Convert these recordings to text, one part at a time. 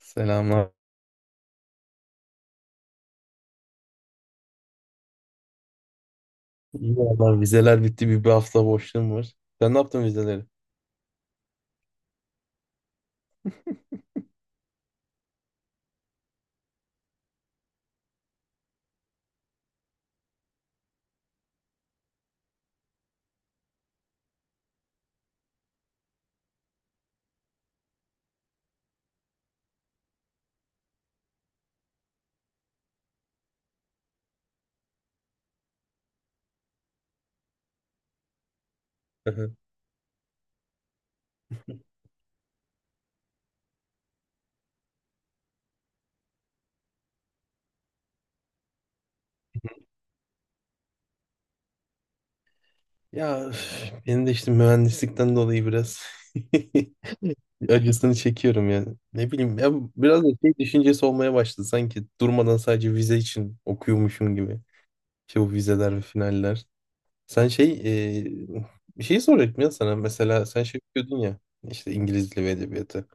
Selamlar. İyi vallahi vizeler bitti bir hafta boşluğum var. Sen ne yaptın vizeleri? Hı. Ya üf, benim de işte mühendislikten dolayı biraz acısını çekiyorum yani. Ne bileyim ya biraz da şey düşüncesi olmaya başladı sanki durmadan sadece vize için okuyormuşum gibi. İşte bu vizeler ve finaller. Sen şey e, bir şey soracaktım ya sana mesela sen şey okuyordun ya işte İngiliz Dili ve Edebiyatı.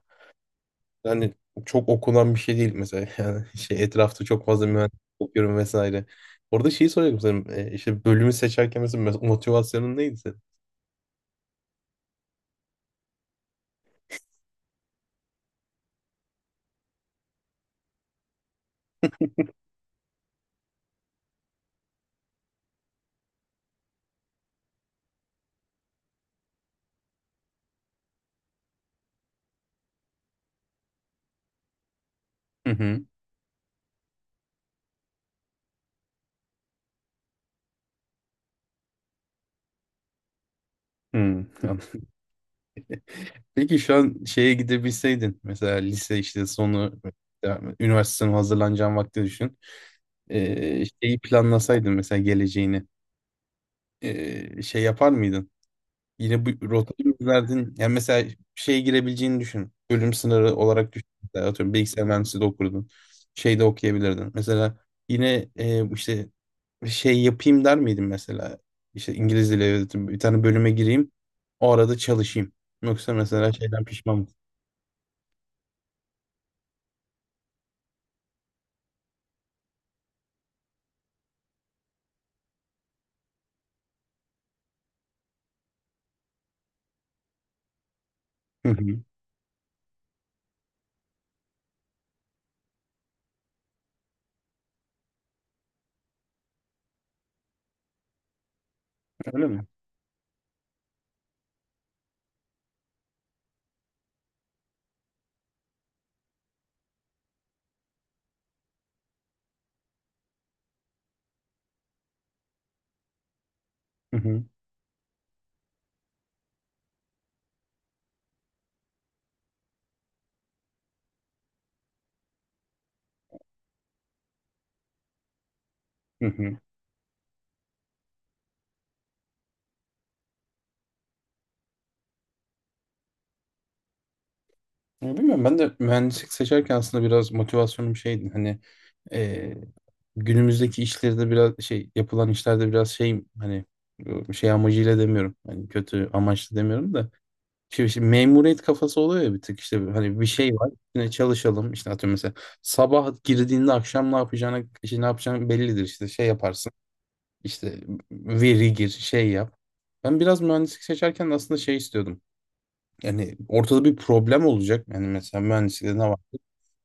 Yani çok okunan bir şey değil mesela yani şey etrafta çok fazla mühendis okuyorum vesaire. Orada şeyi soruyorum senin işte bölümü seçerken mesela motivasyonun neydi senin? Hı hı. Hı. Anladım. Peki şu an şeye gidebilseydin mesela lise işte sonu yani üniversite sınavına hazırlanacağın vakti düşün. Şeyi planlasaydın mesela geleceğini şey yapar mıydın? Yine bu rotayı rotalardan yani mesela şeye girebileceğini düşün. Bölüm sınırı olarak düşün. Mesela atıyorum bilgisayar mühendisliği de okurdun. Şey de okuyabilirdin. Mesela yine işte şey yapayım der miydin mesela? İşte İngiliz dili evet, bir tane bölüme gireyim. O arada çalışayım. Yoksa mesela şeyden pişman mısın? Hı hı. Öyle mi? Hı hı. Hı hı. Ya bilmiyorum ben de mühendislik seçerken aslında biraz motivasyonum şeydi hani e, günümüzdeki işlerde biraz şey yapılan işlerde biraz şeyim hani şey amacıyla demiyorum hani kötü amaçlı demiyorum da şimdi memuriyet kafası oluyor ya bir tık işte hani bir şey var yine çalışalım işte atıyorum mesela sabah girdiğinde akşam ne yapacağına işte ne yapacağın bellidir işte şey yaparsın işte veri gir şey yap ben biraz mühendislik seçerken aslında şey istiyordum yani ortada bir problem olacak. Yani mesela mühendislikte ne var?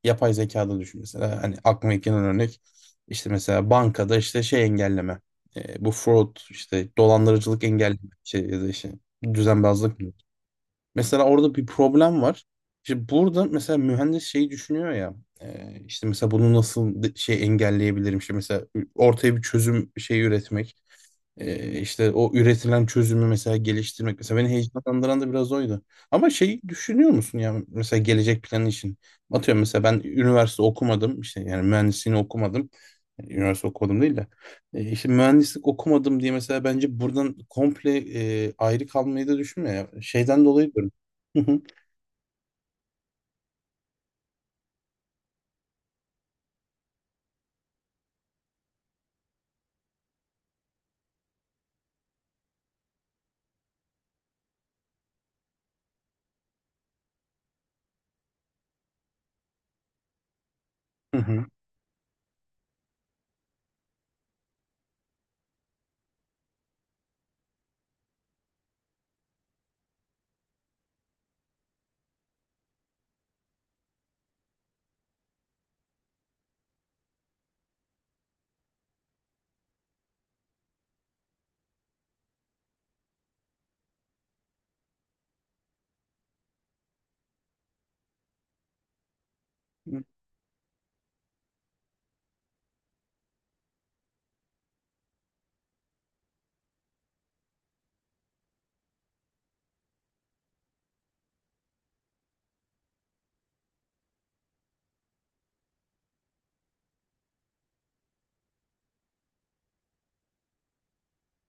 Yapay zekada düşün mesela. Hani aklıma ilk gelen örnek işte mesela bankada işte şey engelleme. Bu fraud işte dolandırıcılık engelleme şey ya da işte düzenbazlık mı? Mesela orada bir problem var. İşte burada mesela mühendis şeyi düşünüyor ya işte mesela bunu nasıl şey engelleyebilirim işte mesela ortaya bir çözüm şeyi üretmek. İşte o üretilen çözümü mesela geliştirmek. Mesela beni heyecanlandıran da biraz oydu. Ama şey düşünüyor musun ya mesela gelecek planı için? Atıyorum mesela ben üniversite okumadım. İşte yani mühendisliğini okumadım. Yani üniversite okumadım değil de. İşte mühendislik okumadım diye mesela bence buradan komple ayrı kalmayı da düşünmüyor ya. Şeyden dolayı diyorum. Hı hı. Hı hı.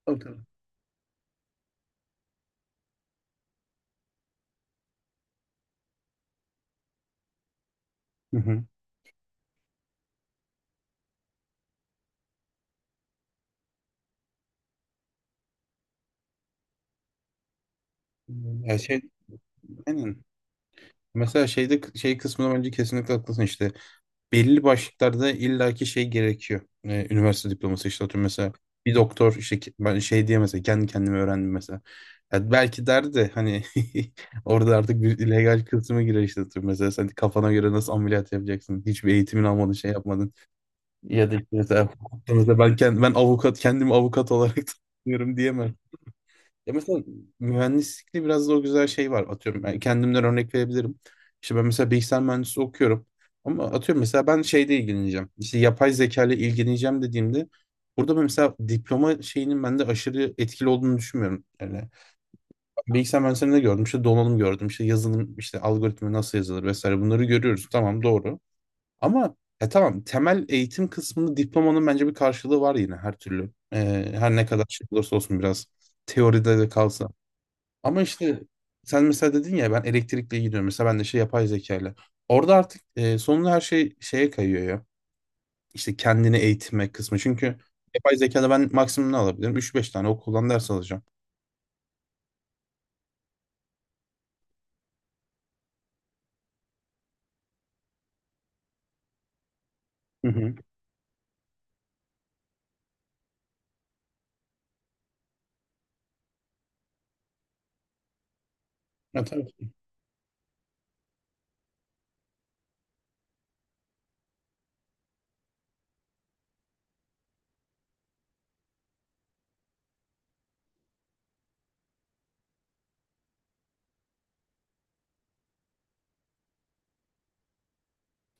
Tabii tabii. Hı hı. Ya şey, aynen. Mesela şeyde şey kısmına bence kesinlikle haklısın işte. Belli başlıklarda illaki şey gerekiyor. Üniversite diploması işte atıyorum mesela bir doktor işte ben şey diye mesela kendi kendime öğrendim mesela. Ya belki derdi de hani orada artık bir illegal kısmı girer işte atıyorum. Mesela sen kafana göre nasıl ameliyat yapacaksın? Hiçbir eğitimin almadın şey yapmadın. Ya da işte mesela, hukukta mesela ben, kendim, ben avukat kendimi avukat olarak tanıyorum diyemez. Ya mesela mühendislikte biraz da o güzel şey var. Atıyorum ben kendimden örnek verebilirim. İşte ben mesela bilgisayar mühendisliği okuyorum. Ama atıyorum mesela ben şeyle ilgileneceğim. İşte yapay zeka ile ilgileneceğim dediğimde burada ben mesela diploma şeyinin bende aşırı etkili olduğunu düşünmüyorum. Yani bilgisayar mühendisliğinde gördüm. İşte donanım gördüm. İşte yazılım, işte algoritma nasıl yazılır vesaire bunları görüyoruz. Tamam doğru. Ama tamam temel eğitim kısmında diplomanın bence bir karşılığı var yine her türlü. Her ne kadar şey olursa olsun biraz teoride de kalsa. Ama işte sen mesela dedin ya ben elektrikle gidiyorum. Mesela ben de şey yapay zekayla. Orada artık sonunda her şey şeye kayıyor ya. İşte kendini eğitme kısmı. Çünkü yapay zekada ben maksimum ne alabilirim? Üç beş tane okuldan ders alacağım. Hı hı. Ya, tabii ki.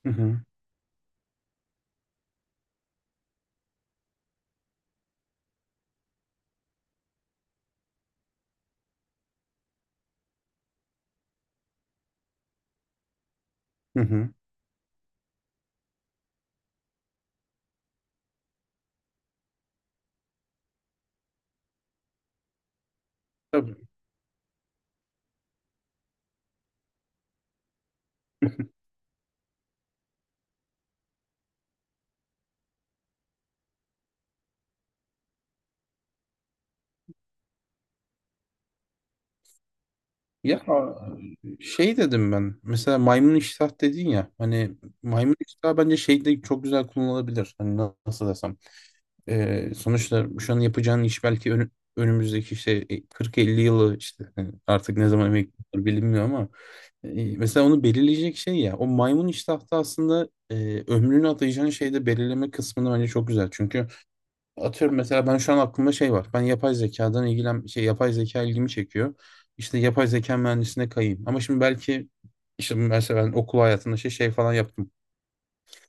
Hı hı. Hı hı. Tabii. Ya şey dedim ben. Mesela maymun iştah dedin ya. Hani maymun iştah bence şeyde çok güzel kullanılabilir. Hani nasıl desem. Sonuçta şu an yapacağın iş belki önümüzdeki işte 40-50 yılı işte artık ne zaman emekli olur bilinmiyor ama mesela onu belirleyecek şey ya o maymun iştahta aslında ömrünü atayacağın şeyde belirleme kısmını bence çok güzel. Çünkü atıyorum mesela ben şu an aklımda şey var. Ben yapay zekadan şey yapay zeka ilgimi çekiyor. İşte yapay zeka mühendisine kayayım. Ama şimdi belki işte mesela ben okul hayatında şey falan yaptım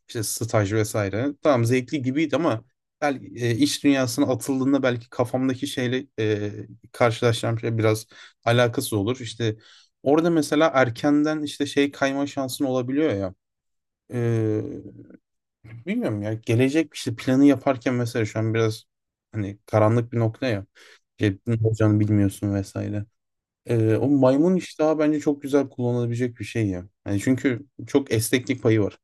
işte staj vesaire. Tamam zevkli gibiydi ama iş dünyasına atıldığında belki kafamdaki şeyle karşılaşacağım şey biraz alakasız olur. İşte orada mesela erkenden işte şey kayma şansın olabiliyor ya. E, Bilmiyorum ya gelecek işte planı yaparken mesela şu an biraz hani karanlık bir nokta ya. Şey, ne olacağını bilmiyorsun vesaire. O maymun iştahı bence çok güzel kullanılabilecek bir şey ya. Yani çünkü çok esneklik payı var.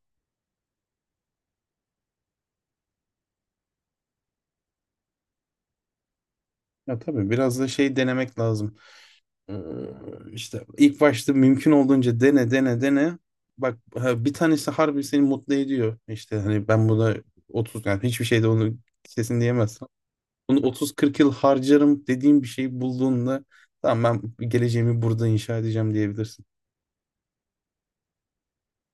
Ya tabii biraz da şey denemek lazım. Ee, işte ilk başta mümkün olduğunca dene dene dene. Bak ha, bir tanesi harbi seni mutlu ediyor. İşte hani ben buna 30 yani hiçbir şeyde onu kesin diyemezsin. Bunu 30-40 yıl harcarım dediğim bir şeyi bulduğunda tamam ben geleceğimi burada inşa edeceğim diyebilirsin.